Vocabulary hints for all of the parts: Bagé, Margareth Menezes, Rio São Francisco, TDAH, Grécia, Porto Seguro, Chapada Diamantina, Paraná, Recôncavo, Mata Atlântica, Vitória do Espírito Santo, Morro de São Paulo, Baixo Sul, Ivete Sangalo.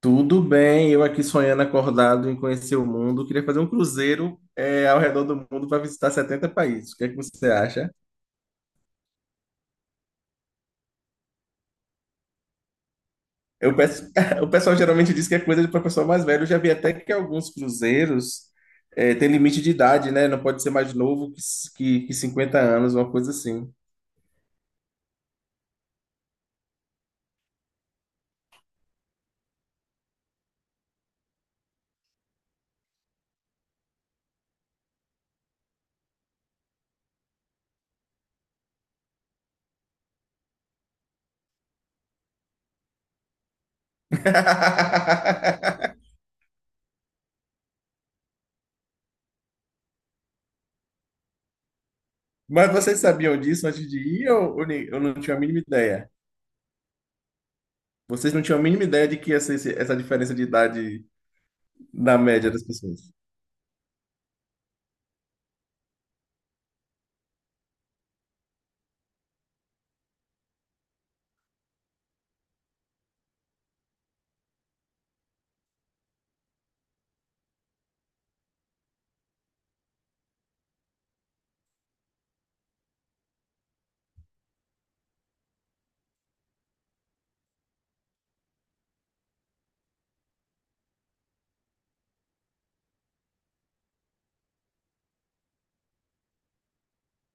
Tudo bem, eu aqui sonhando acordado em conhecer o mundo. Queria fazer um cruzeiro ao redor do mundo para visitar 70 países. O que é que você acha? Eu peço- O pessoal geralmente diz que é coisa para pessoal mais velho. Eu já vi até que alguns cruzeiros têm limite de idade, né? Não pode ser mais novo que 50 anos, uma coisa assim. Mas vocês sabiam disso antes de ir ou eu não tinha a mínima ideia? Vocês não tinham a mínima ideia de que ia ser essa diferença de idade na média das pessoas?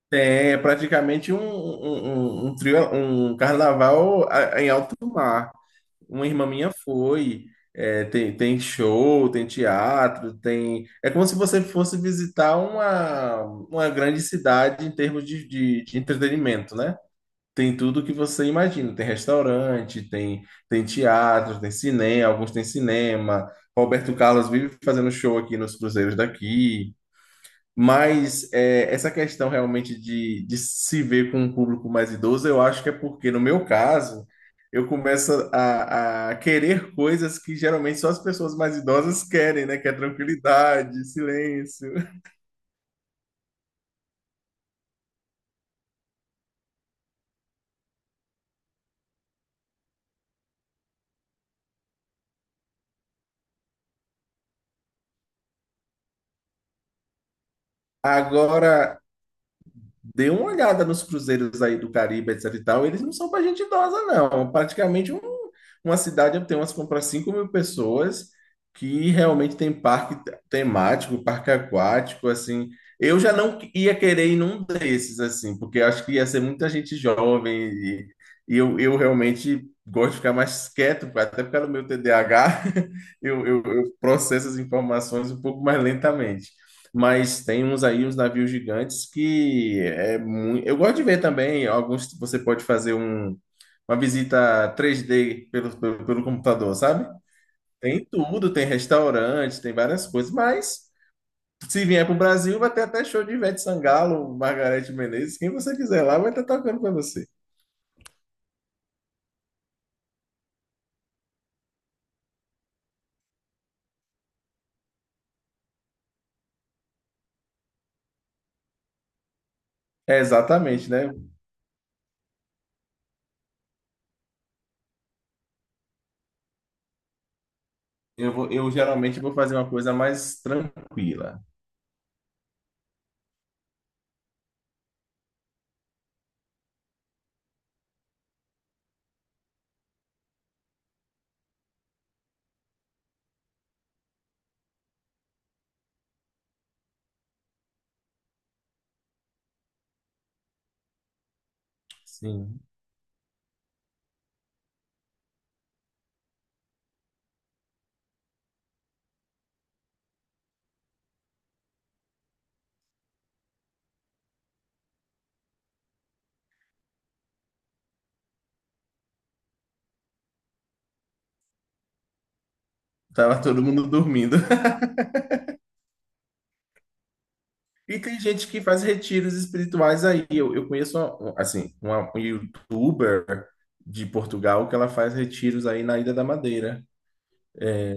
Tem, é praticamente um trio, um carnaval em alto mar. Uma irmã minha foi. Tem, tem show, tem teatro, tem. É como se você fosse visitar uma grande cidade em termos de entretenimento, né? Tem tudo que você imagina. Tem restaurante, tem, tem teatro, tem cinema, alguns têm cinema. Roberto Carlos vive fazendo show aqui nos cruzeiros daqui. Mas é, essa questão realmente de se ver com um público mais idoso, eu acho que é porque, no meu caso, eu começo a querer coisas que geralmente só as pessoas mais idosas querem, né? Que é tranquilidade, silêncio. Agora, dê uma olhada nos cruzeiros aí do Caribe, etc e tal, eles não são para gente idosa, não. Uma cidade tem umas para 5 mil pessoas que realmente tem parque temático, parque aquático, assim. Eu já não ia querer ir num desses, assim, porque eu acho que ia ser muita gente jovem e, eu realmente gosto de ficar mais quieto, até porque no meu TDAH eu processo as informações um pouco mais lentamente. Mas tem uns aí, uns navios gigantes que é muito. Eu gosto de ver também alguns. Você pode fazer uma visita 3D pelo computador, sabe? Tem tudo, tem restaurante, tem várias coisas. Mas se vier para o Brasil, vai ter até show de Ivete Sangalo, Margareth Menezes, quem você quiser lá vai estar tocando para você. É exatamente, né? Eu vou, eu geralmente vou fazer uma coisa mais tranquila. Sim. Tava todo mundo dormindo. E tem gente que faz retiros espirituais aí. Eu conheço, assim, uma youtuber de Portugal que ela faz retiros aí na Ilha da Madeira. É,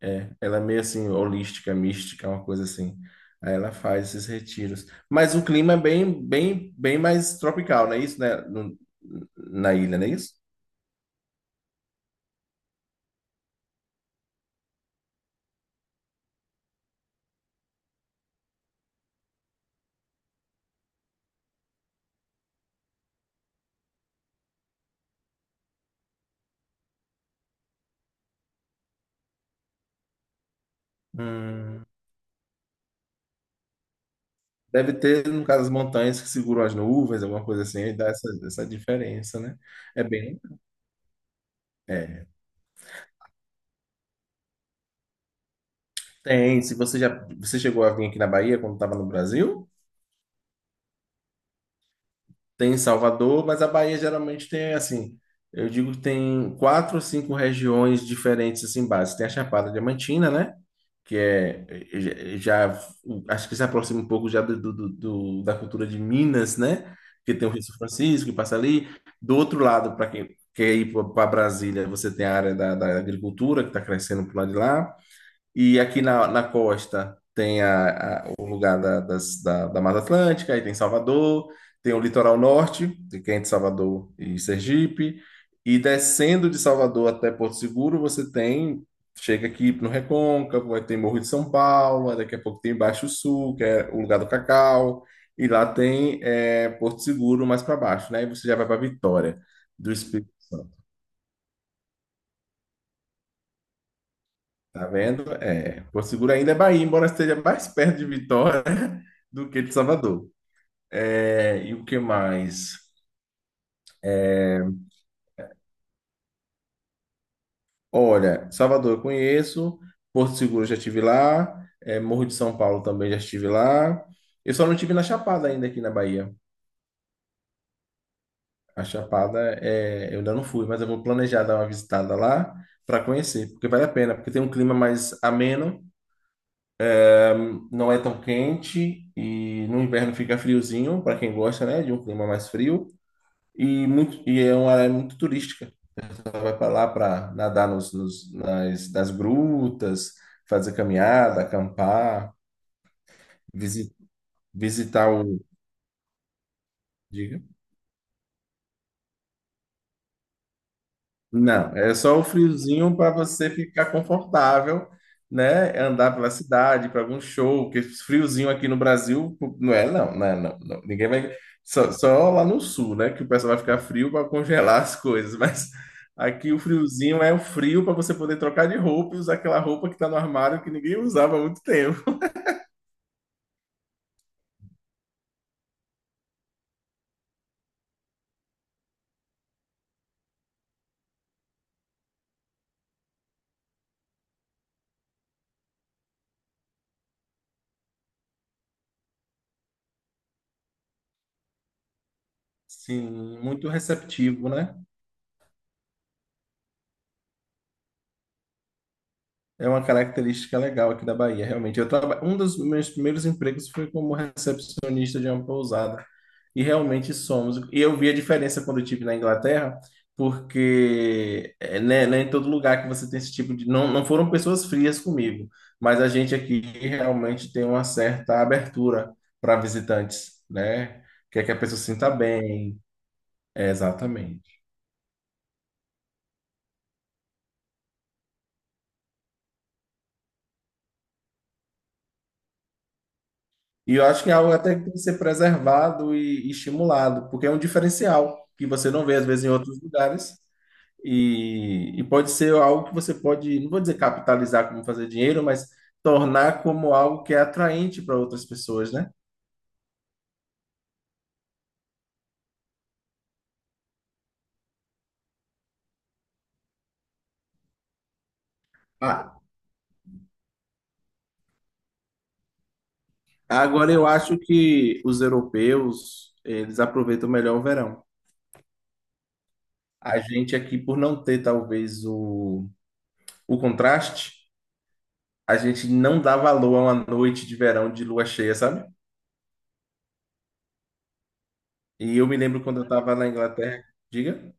é, ela é meio assim, holística, mística, uma coisa assim. Aí ela faz esses retiros. Mas o clima é bem, bem, bem mais tropical, não é isso, né? Na ilha, não é isso? Hum. Deve ter, no caso, as montanhas que seguram as nuvens, alguma coisa assim, e dá essa diferença, né? É bem. É. Tem, se você já você chegou a vir aqui na Bahia quando estava no Brasil, tem em Salvador, mas a Bahia geralmente tem assim, eu digo que tem 4 ou 5 regiões diferentes assim básicas. Tem a Chapada Diamantina, né? Que é já acho que se aproxima um pouco já da cultura de Minas, né? Que tem o Rio São Francisco que passa ali. Do outro lado, para quem quer ir para Brasília, você tem a área da agricultura que está crescendo para lado de lá. E aqui na costa tem o lugar da Mata Atlântica, aí tem Salvador, tem o litoral norte, de é de Salvador e Sergipe, e descendo de Salvador até Porto Seguro, você tem, chega aqui no Recôncavo, aí tem Morro de São Paulo, aí daqui a pouco tem Baixo Sul, que é o lugar do cacau, e lá tem Porto Seguro mais para baixo, né? E você já vai para Vitória do Espírito Santo. Tá vendo? É, Porto Seguro ainda é Bahia, embora esteja mais perto de Vitória do que de Salvador. É, e o que mais? Olha, Salvador eu conheço, Porto Seguro eu já estive lá, é, Morro de São Paulo também já estive lá. Eu só não estive na Chapada ainda aqui na Bahia. A Chapada é, eu ainda não fui, mas eu vou planejar dar uma visitada lá para conhecer, porque vale a pena, porque tem um clima mais ameno, não é tão quente e no inverno fica friozinho para quem gosta, né, de um clima mais frio. E, muito, e é uma área muito turística. Ela vai para lá para nadar nas grutas, fazer caminhada, acampar, visi- visitar o. Diga. Não, é só o friozinho para você ficar confortável, né? É andar pela cidade, para algum show, porque friozinho aqui no Brasil não é, não. Ninguém vai. Só lá no sul, né? Que o pessoal vai ficar frio para congelar as coisas, mas aqui o friozinho é o frio para você poder trocar de roupa e usar aquela roupa que está no armário que ninguém usava há muito tempo. Sim, muito receptivo, né? É uma característica legal aqui da Bahia, realmente. Eu traba... Um dos meus primeiros empregos foi como recepcionista de uma pousada. E realmente somos. E eu vi a diferença quando eu estive na Inglaterra, porque é, né, não é em todo lugar que você tem esse tipo de. Não, não foram pessoas frias comigo, mas a gente aqui realmente tem uma certa abertura para visitantes, né? Quer que a pessoa se sinta bem. É, exatamente. E eu acho que é algo até que tem que ser preservado e estimulado, porque é um diferencial que você não vê, às vezes, em outros lugares. E pode ser algo que você pode, não vou dizer capitalizar como fazer dinheiro, mas tornar como algo que é atraente para outras pessoas, né? Ah, agora eu acho que os europeus, eles aproveitam melhor o verão. A gente aqui, por não ter talvez o contraste, a gente não dá valor a uma noite de verão de lua cheia, sabe? E eu me lembro quando eu estava na Inglaterra. Diga.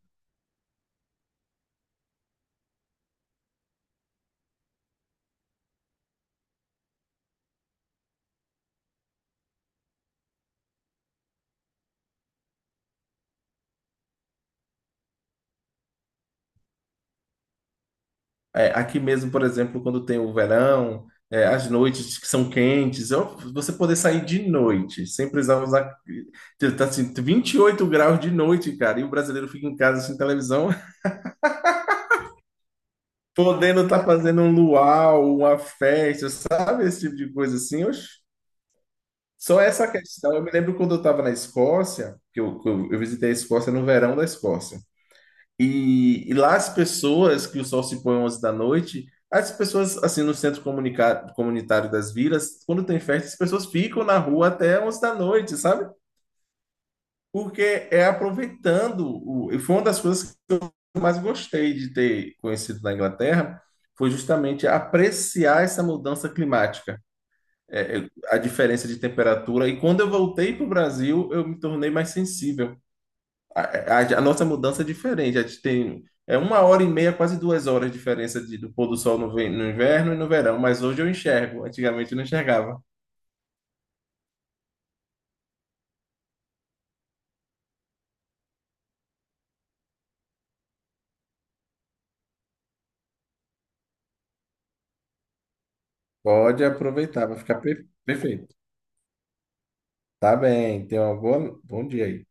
É, aqui mesmo, por exemplo, quando tem o verão, é, as noites que são quentes, você poder sair de noite, sem precisar usar. Tá assim, 28 graus de noite, cara, e o brasileiro fica em casa sem televisão, podendo estar fazendo um luau, uma festa, sabe? Esse tipo de coisa assim. Oxe. Só essa questão. Eu me lembro quando eu estava na Escócia, que eu visitei a Escócia no verão da Escócia. E lá as pessoas, que o sol se põe 11 da noite, as pessoas, assim, no centro comunitário das vilas, quando tem festa, as pessoas ficam na rua até 11 da noite, sabe? Porque é aproveitando. E foi uma das coisas que eu mais gostei de ter conhecido na Inglaterra, foi justamente apreciar essa mudança climática, a diferença de temperatura. E quando eu voltei para o Brasil, eu me tornei mais sensível. A, a nossa mudança é diferente. A gente tem é 1 hora e meia, quase 2 horas de diferença do pôr do sol no inverno e no verão. Mas hoje eu enxergo. Antigamente eu não enxergava. Pode aproveitar, vai ficar perfeito. Tá bem, tenha um bom dia aí.